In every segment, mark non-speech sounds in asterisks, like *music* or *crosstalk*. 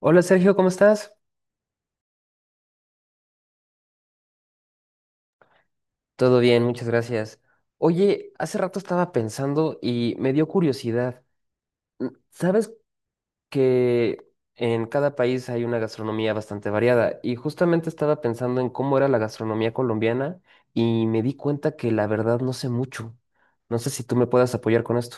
Hola Sergio, ¿cómo estás? Todo bien, muchas gracias. Oye, hace rato estaba pensando y me dio curiosidad. Mm, ¿sabes que en cada país hay una gastronomía bastante variada? Y justamente estaba pensando en cómo era la gastronomía colombiana y me di cuenta que la verdad no sé mucho. No sé si tú me puedas apoyar con esto.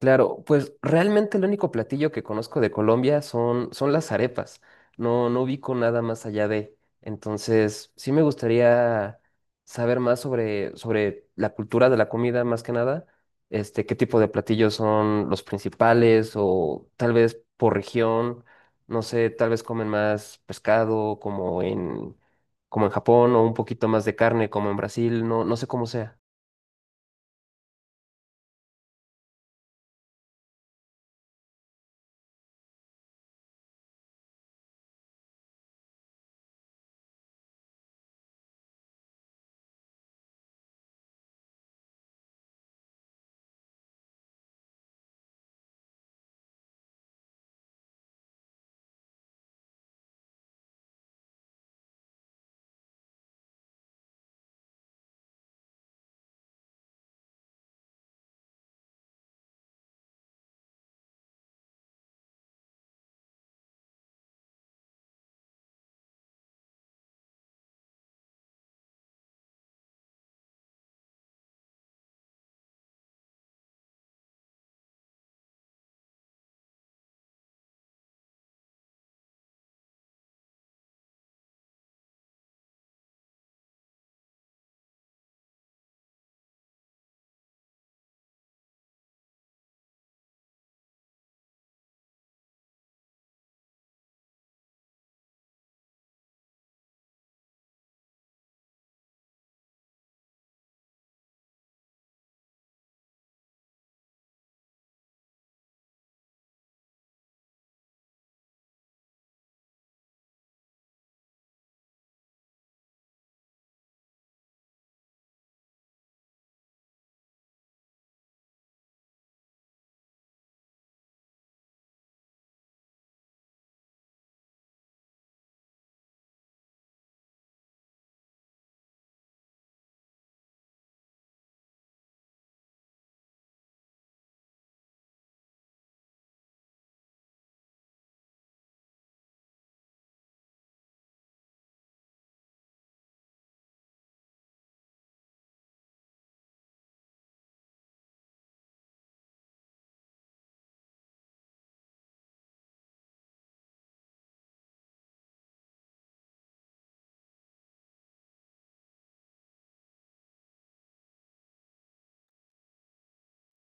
Claro, pues realmente el único platillo que conozco de Colombia son las arepas. No, no ubico nada más allá de. Entonces, sí me gustaría saber más sobre la cultura de la comida, más que nada. Este, qué tipo de platillos son los principales, o tal vez por región, no sé, tal vez comen más pescado como en Japón, o un poquito más de carne como en Brasil, no, no sé cómo sea.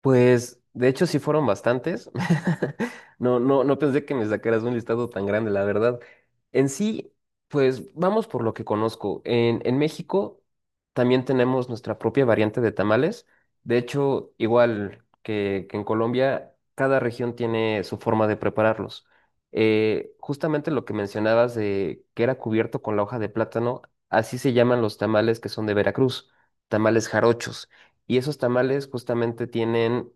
Pues de hecho sí fueron bastantes. *laughs* No, no, no pensé que me sacaras un listado tan grande, la verdad. En sí, pues vamos por lo que conozco. En México también tenemos nuestra propia variante de tamales. De hecho, igual que en Colombia, cada región tiene su forma de prepararlos. Justamente lo que mencionabas de que era cubierto con la hoja de plátano, así se llaman los tamales que son de Veracruz, tamales jarochos. Y esos tamales justamente tienen,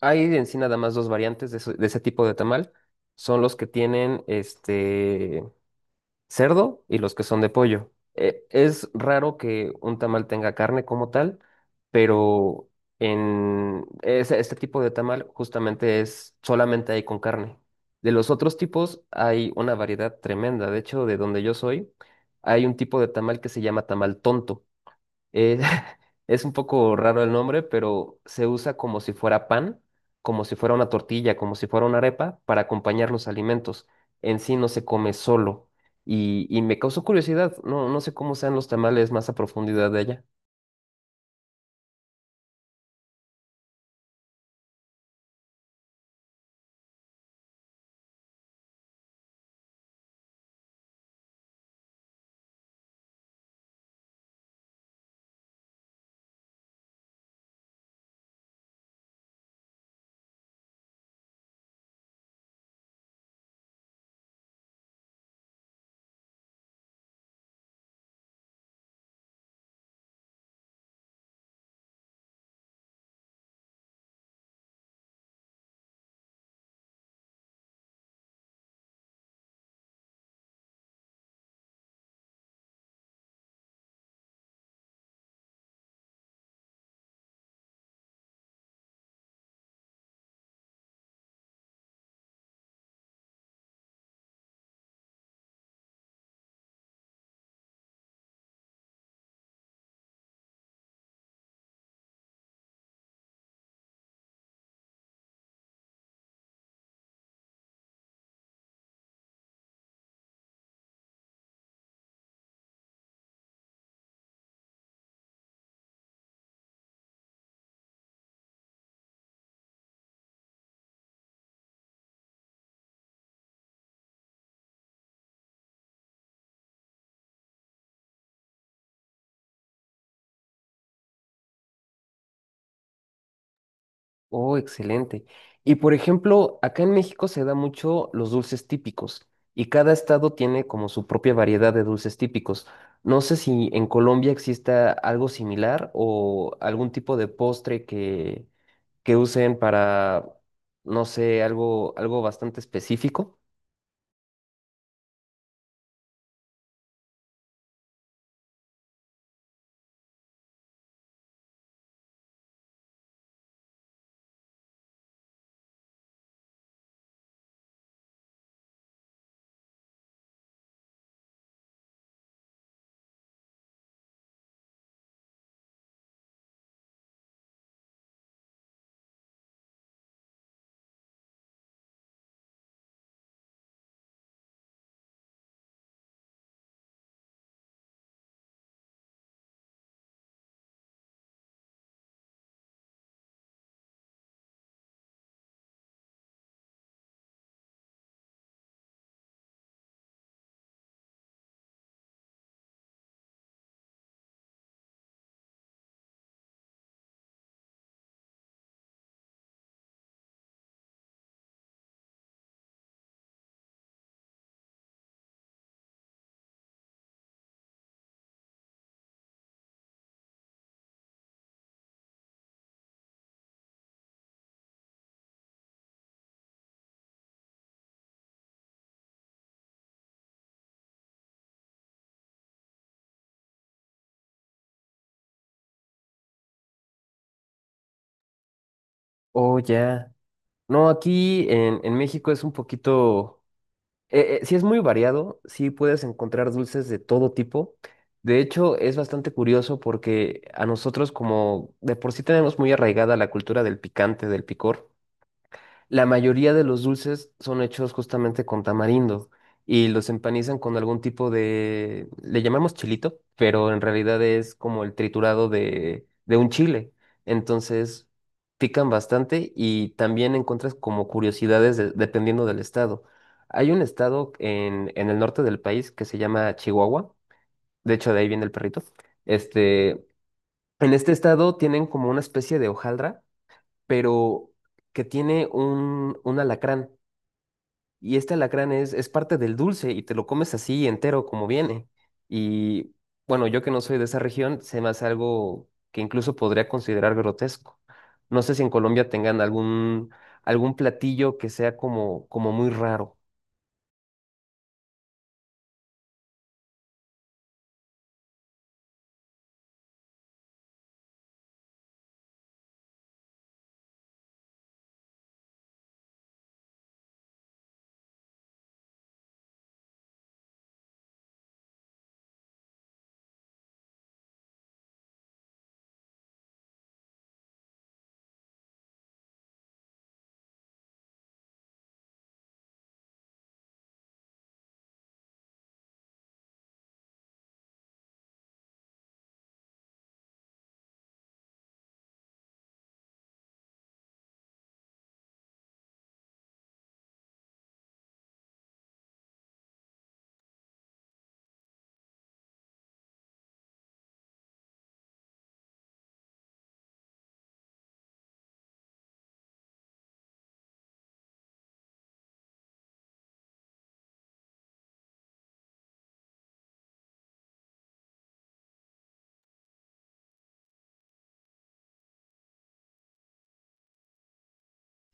hay en sí nada más dos variantes de, de ese tipo de tamal. Son los que tienen este cerdo y los que son de pollo. Es raro que un tamal tenga carne como tal, pero en este tipo de tamal justamente es solamente hay con carne. De los otros tipos hay una variedad tremenda. De hecho, de donde yo soy, hay un tipo de tamal que se llama tamal tonto, eh, *laughs* es un poco raro el nombre, pero se usa como si fuera pan, como si fuera una tortilla, como si fuera una arepa para acompañar los alimentos. En sí no se come solo. Y me causó curiosidad, no, no sé cómo sean los tamales más a profundidad de allá. Oh, excelente. Y por ejemplo, acá en México se da mucho los dulces típicos y cada estado tiene como su propia variedad de dulces típicos. No sé si en Colombia exista algo similar o algún tipo de postre que usen para, no sé, algo, algo bastante específico. Oh, ya. No, aquí en México es un poquito, sí es muy variado, sí puedes encontrar dulces de todo tipo. De hecho, es bastante curioso porque a nosotros como de por sí tenemos muy arraigada la cultura del picante, del picor. La mayoría de los dulces son hechos justamente con tamarindo y los empanizan con algún tipo de, le llamamos chilito, pero en realidad es como el triturado de un chile. Entonces pican bastante y también encuentras como curiosidades dependiendo del estado. Hay un estado en el norte del país que se llama Chihuahua, de hecho de ahí viene el perrito. Este, en este estado tienen como una especie de hojaldra, pero que tiene un alacrán. Y este alacrán es parte del dulce y te lo comes así entero como viene. Y bueno, yo que no soy de esa región, se me hace algo que incluso podría considerar grotesco. No sé si en Colombia tengan algún, algún platillo que sea como, como muy raro,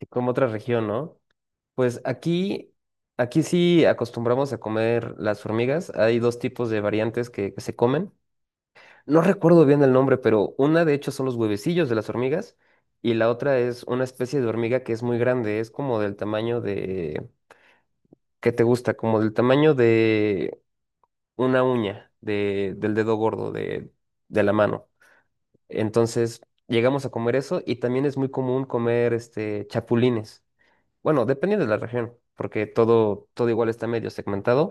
como otra región, ¿no? Pues aquí, aquí sí acostumbramos a comer las hormigas. Hay dos tipos de variantes que se comen. No recuerdo bien el nombre, pero una de hecho son los huevecillos de las hormigas y la otra es una especie de hormiga que es muy grande, es como del tamaño de, ¿qué te gusta? Como del tamaño de una uña, de, del dedo gordo de la mano. Entonces llegamos a comer eso y también es muy común comer este, chapulines. Bueno, dependiendo de la región, porque todo, todo igual está medio segmentado,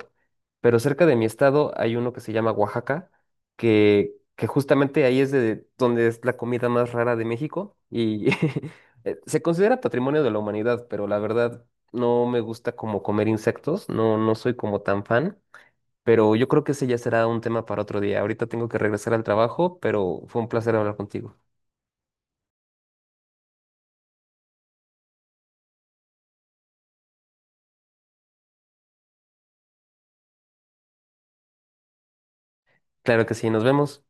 pero cerca de mi estado hay uno que se llama Oaxaca, que justamente ahí es de donde es la comida más rara de México y *laughs* se considera patrimonio de la humanidad, pero la verdad no me gusta como comer insectos, no, no soy como tan fan, pero yo creo que ese ya será un tema para otro día. Ahorita tengo que regresar al trabajo, pero fue un placer hablar contigo. Claro que sí, nos vemos.